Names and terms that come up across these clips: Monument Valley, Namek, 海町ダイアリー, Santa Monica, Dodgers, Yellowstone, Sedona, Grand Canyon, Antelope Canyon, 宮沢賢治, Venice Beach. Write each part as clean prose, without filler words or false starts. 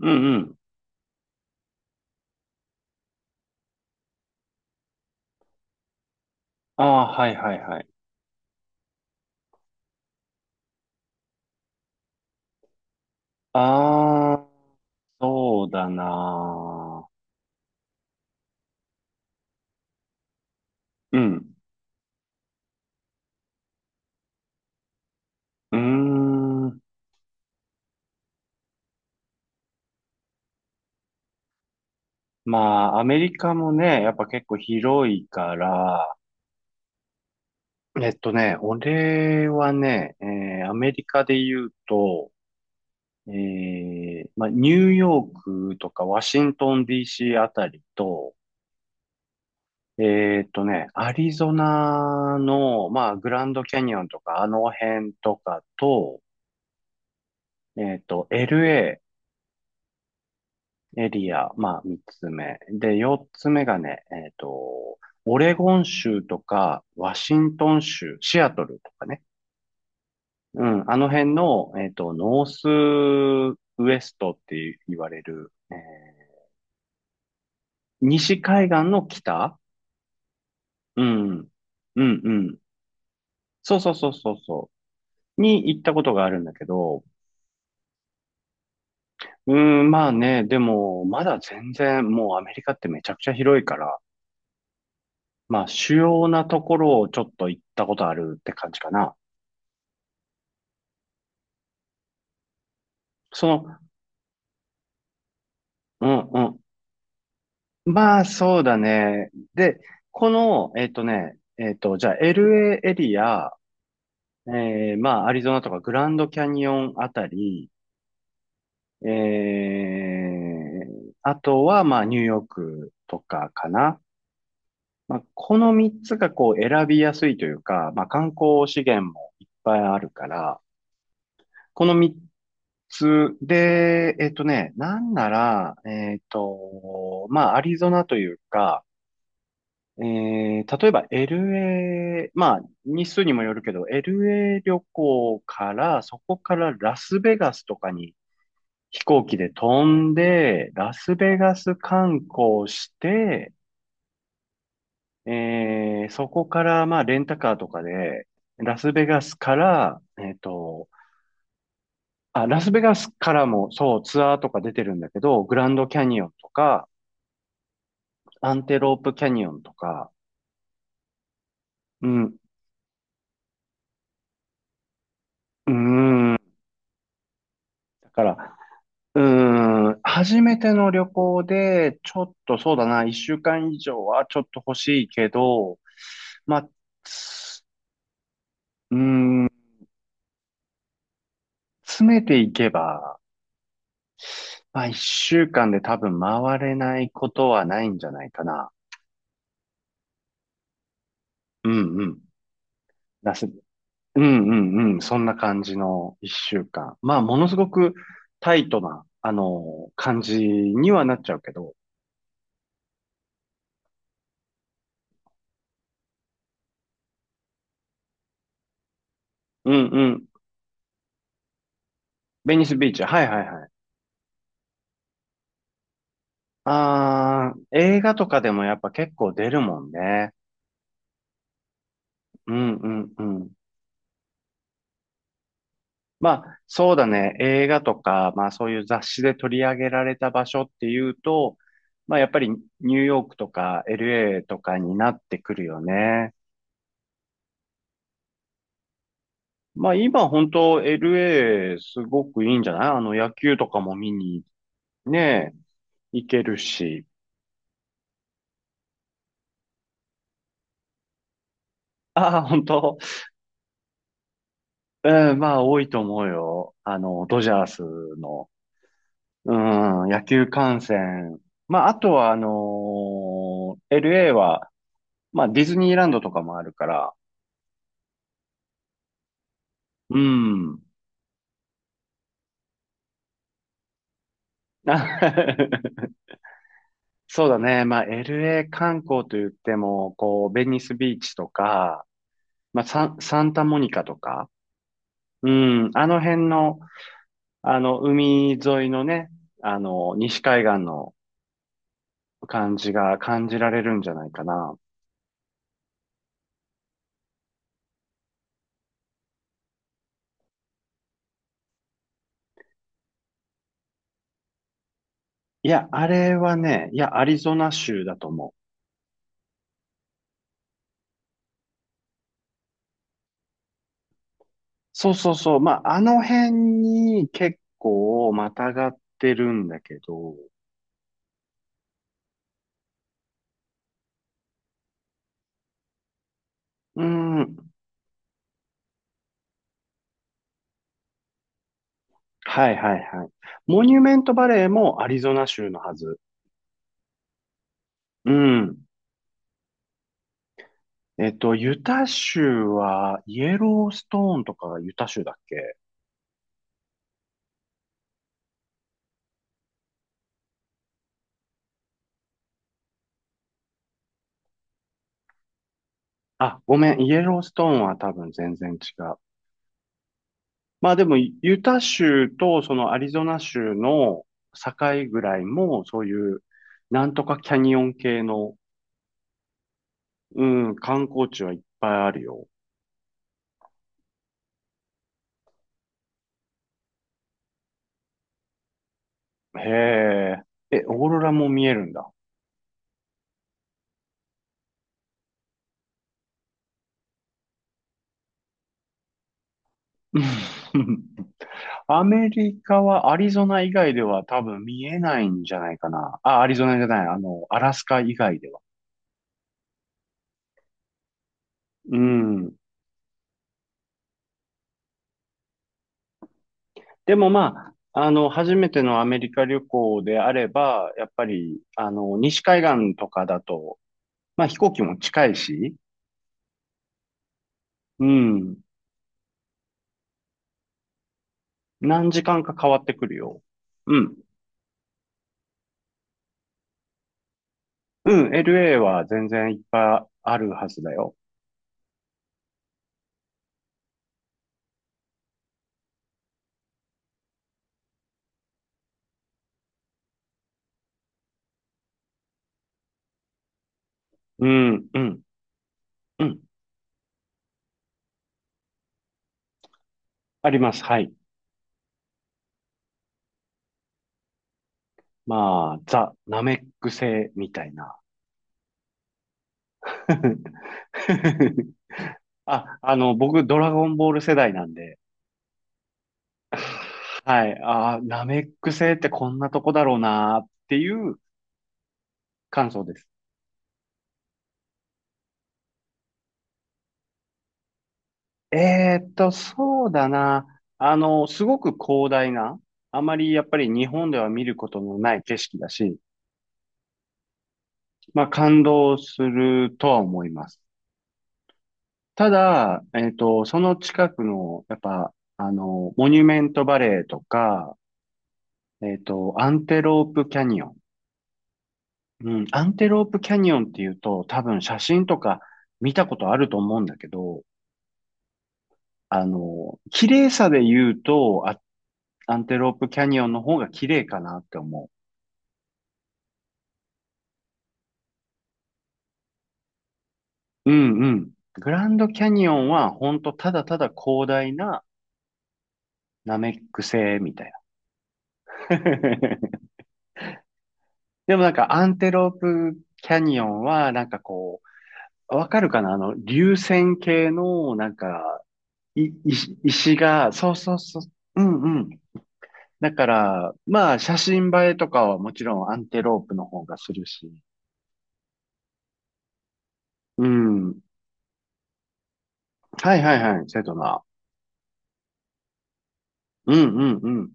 うんうん。ああ、はいはいはい。ああ、そうだなー。うん。うーん。まあ、アメリカもね、やっぱ結構広いから、俺はね、アメリカで言うと、まあ、ニューヨークとかワシントン DC あたりと、アリゾナの、まあ、グランドキャニオンとか、あの辺とかと、LAエリア、まあ、三つ目。で、四つ目がね、オレゴン州とか、ワシントン州、シアトルとかね。うん、あの辺の、ノースウエストって言われる、西海岸の北。うん、うん、うん。そうそうそうそうそう。に行ったことがあるんだけど、うん、まあね、でも、まだ全然、もうアメリカってめちゃくちゃ広いから、まあ、主要なところをちょっと行ったことあるって感じかな。その、うんうん。まあ、そうだね。で、この、えっとね、えっと、じゃあ、LA エーエリア、まあ、アリゾナとかグランドキャニオンあたり、あとは、まあ、ニューヨークとかかな。まあ、この3つがこう選びやすいというか、まあ、観光資源もいっぱいあるから、この3つで、なんなら、まあ、アリゾナというか、例えば LA、まあ、日数にもよるけど、LA 旅行から、そこからラスベガスとかに飛行機で飛んで、ラスベガス観光して、そこから、まあ、レンタカーとかで、ラスベガスから、あ、ラスベガスからも、そう、ツアーとか出てるんだけど、グランドキャニオンとか、アンテロープキャニオンとか、うん、うーん、だから、うーん、初めての旅行で、ちょっとそうだな、一週間以上はちょっと欲しいけど、まあ、つうーん、詰めていけば、まあ一週間で多分回れないことはないんじゃないかな。うんうん。だし。うんうんうん、そんな感じの一週間。まあものすごくタイトな、あの、感じにはなっちゃうけど。うんうん。ベニスビーチ。はいはいはい。ああ、映画とかでもやっぱ結構出るもんね。うんうんうん。まあ、そうだね。映画とか、まあそういう雑誌で取り上げられた場所っていうと、まあやっぱりニューヨークとか LA とかになってくるよね。まあ今本当 LA すごくいいんじゃない。あの野球とかも見にね、行けるし。ああ、本当。うん、まあ多いと思うよ。あの、ドジャースの。うん、野球観戦。まあ、あとは、LA は、まあ、ディズニーランドとかもあるから、うん。そうだね。まあ、LA 観光と言っても、こう、ベニスビーチとか、まあ、サンタモニカとか、うん、あの辺の、あの、海沿いのね、あの、西海岸の感じが感じられるんじゃないかな。いや、あれはね、いや、アリゾナ州だと思う。そうそうそう。まあ、あの辺に結構またがってるんだけど、うん。はいはいはい。モニュメントバレーもアリゾナ州のはず。うん。ユタ州は、イエローストーンとかがユタ州だっけ？あ、ごめん、イエローストーンは多分全然違う。まあでも、ユタ州とそのアリゾナ州の境ぐらいも、そういう、なんとかキャニオン系の、うん、観光地はいっぱいあるよ。へえ。え、オーロラも見えるんだ。うん アメリカはアリゾナ以外では多分見えないんじゃないかな。あ、アリゾナじゃない。あの、アラスカ以外では。うん。でもまあ、あの、初めてのアメリカ旅行であれば、やっぱり、あの、西海岸とかだと、まあ飛行機も近いし、うん。何時間か変わってくるよ。うん。うん。LA は全然いっぱいあるはずだよ。うん。うん。うん。あります。はい。まあ、ザ・ナメック星みたいな。あ、あの、僕、ドラゴンボール世代なんで、はい。あー、ナメック星ってこんなとこだろうなっていう感想です。そうだな。あの、すごく広大な、あまりやっぱり日本では見ることのない景色だし、まあ感動するとは思います。ただ、その近くの、やっぱ、あの、モニュメントバレーとか、アンテロープキャニオン。うん、アンテロープキャニオンっていうと、多分写真とか見たことあると思うんだけど、あの、綺麗さで言うと、アンテロープキャニオンの方が綺麗かなって思う。うんうん。グランドキャニオンは、ほんとただただ広大なナメック星みたいな。でもなんかアンテロープキャニオンは、なんかこう、わかるかなあの、流線形の、なんか、石が、そうそうそう。うんうん。だから、まあ、写真映えとかはもちろんアンテロープの方がするし。うん。はいはいはい、セドナ。うんうんうん。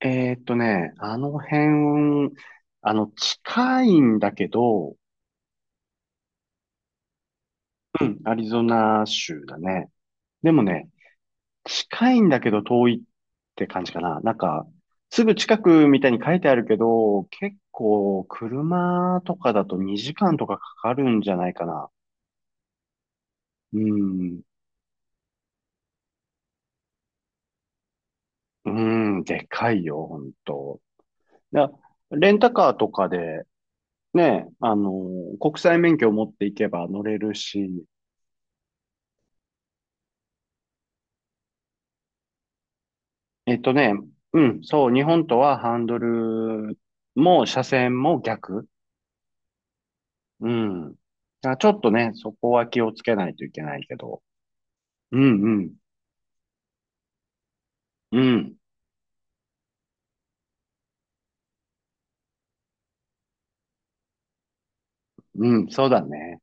あの辺、あの、近いんだけど、うん、アリゾナ州だね。でもね、近いんだけど遠いって感じかな。なんか、すぐ近くみたいに書いてあるけど、結構車とかだと2時間とかかかるんじゃないかな。うん。うん、でかいよ、ほんと。だレンタカーとかで、ね、あの、国際免許を持っていけば乗れるし、えっとね、うん、そう、日本とはハンドルも車線も逆。うん。だからちょっとね、そこは気をつけないといけないけど。うんうん。うん。うん。そうだね。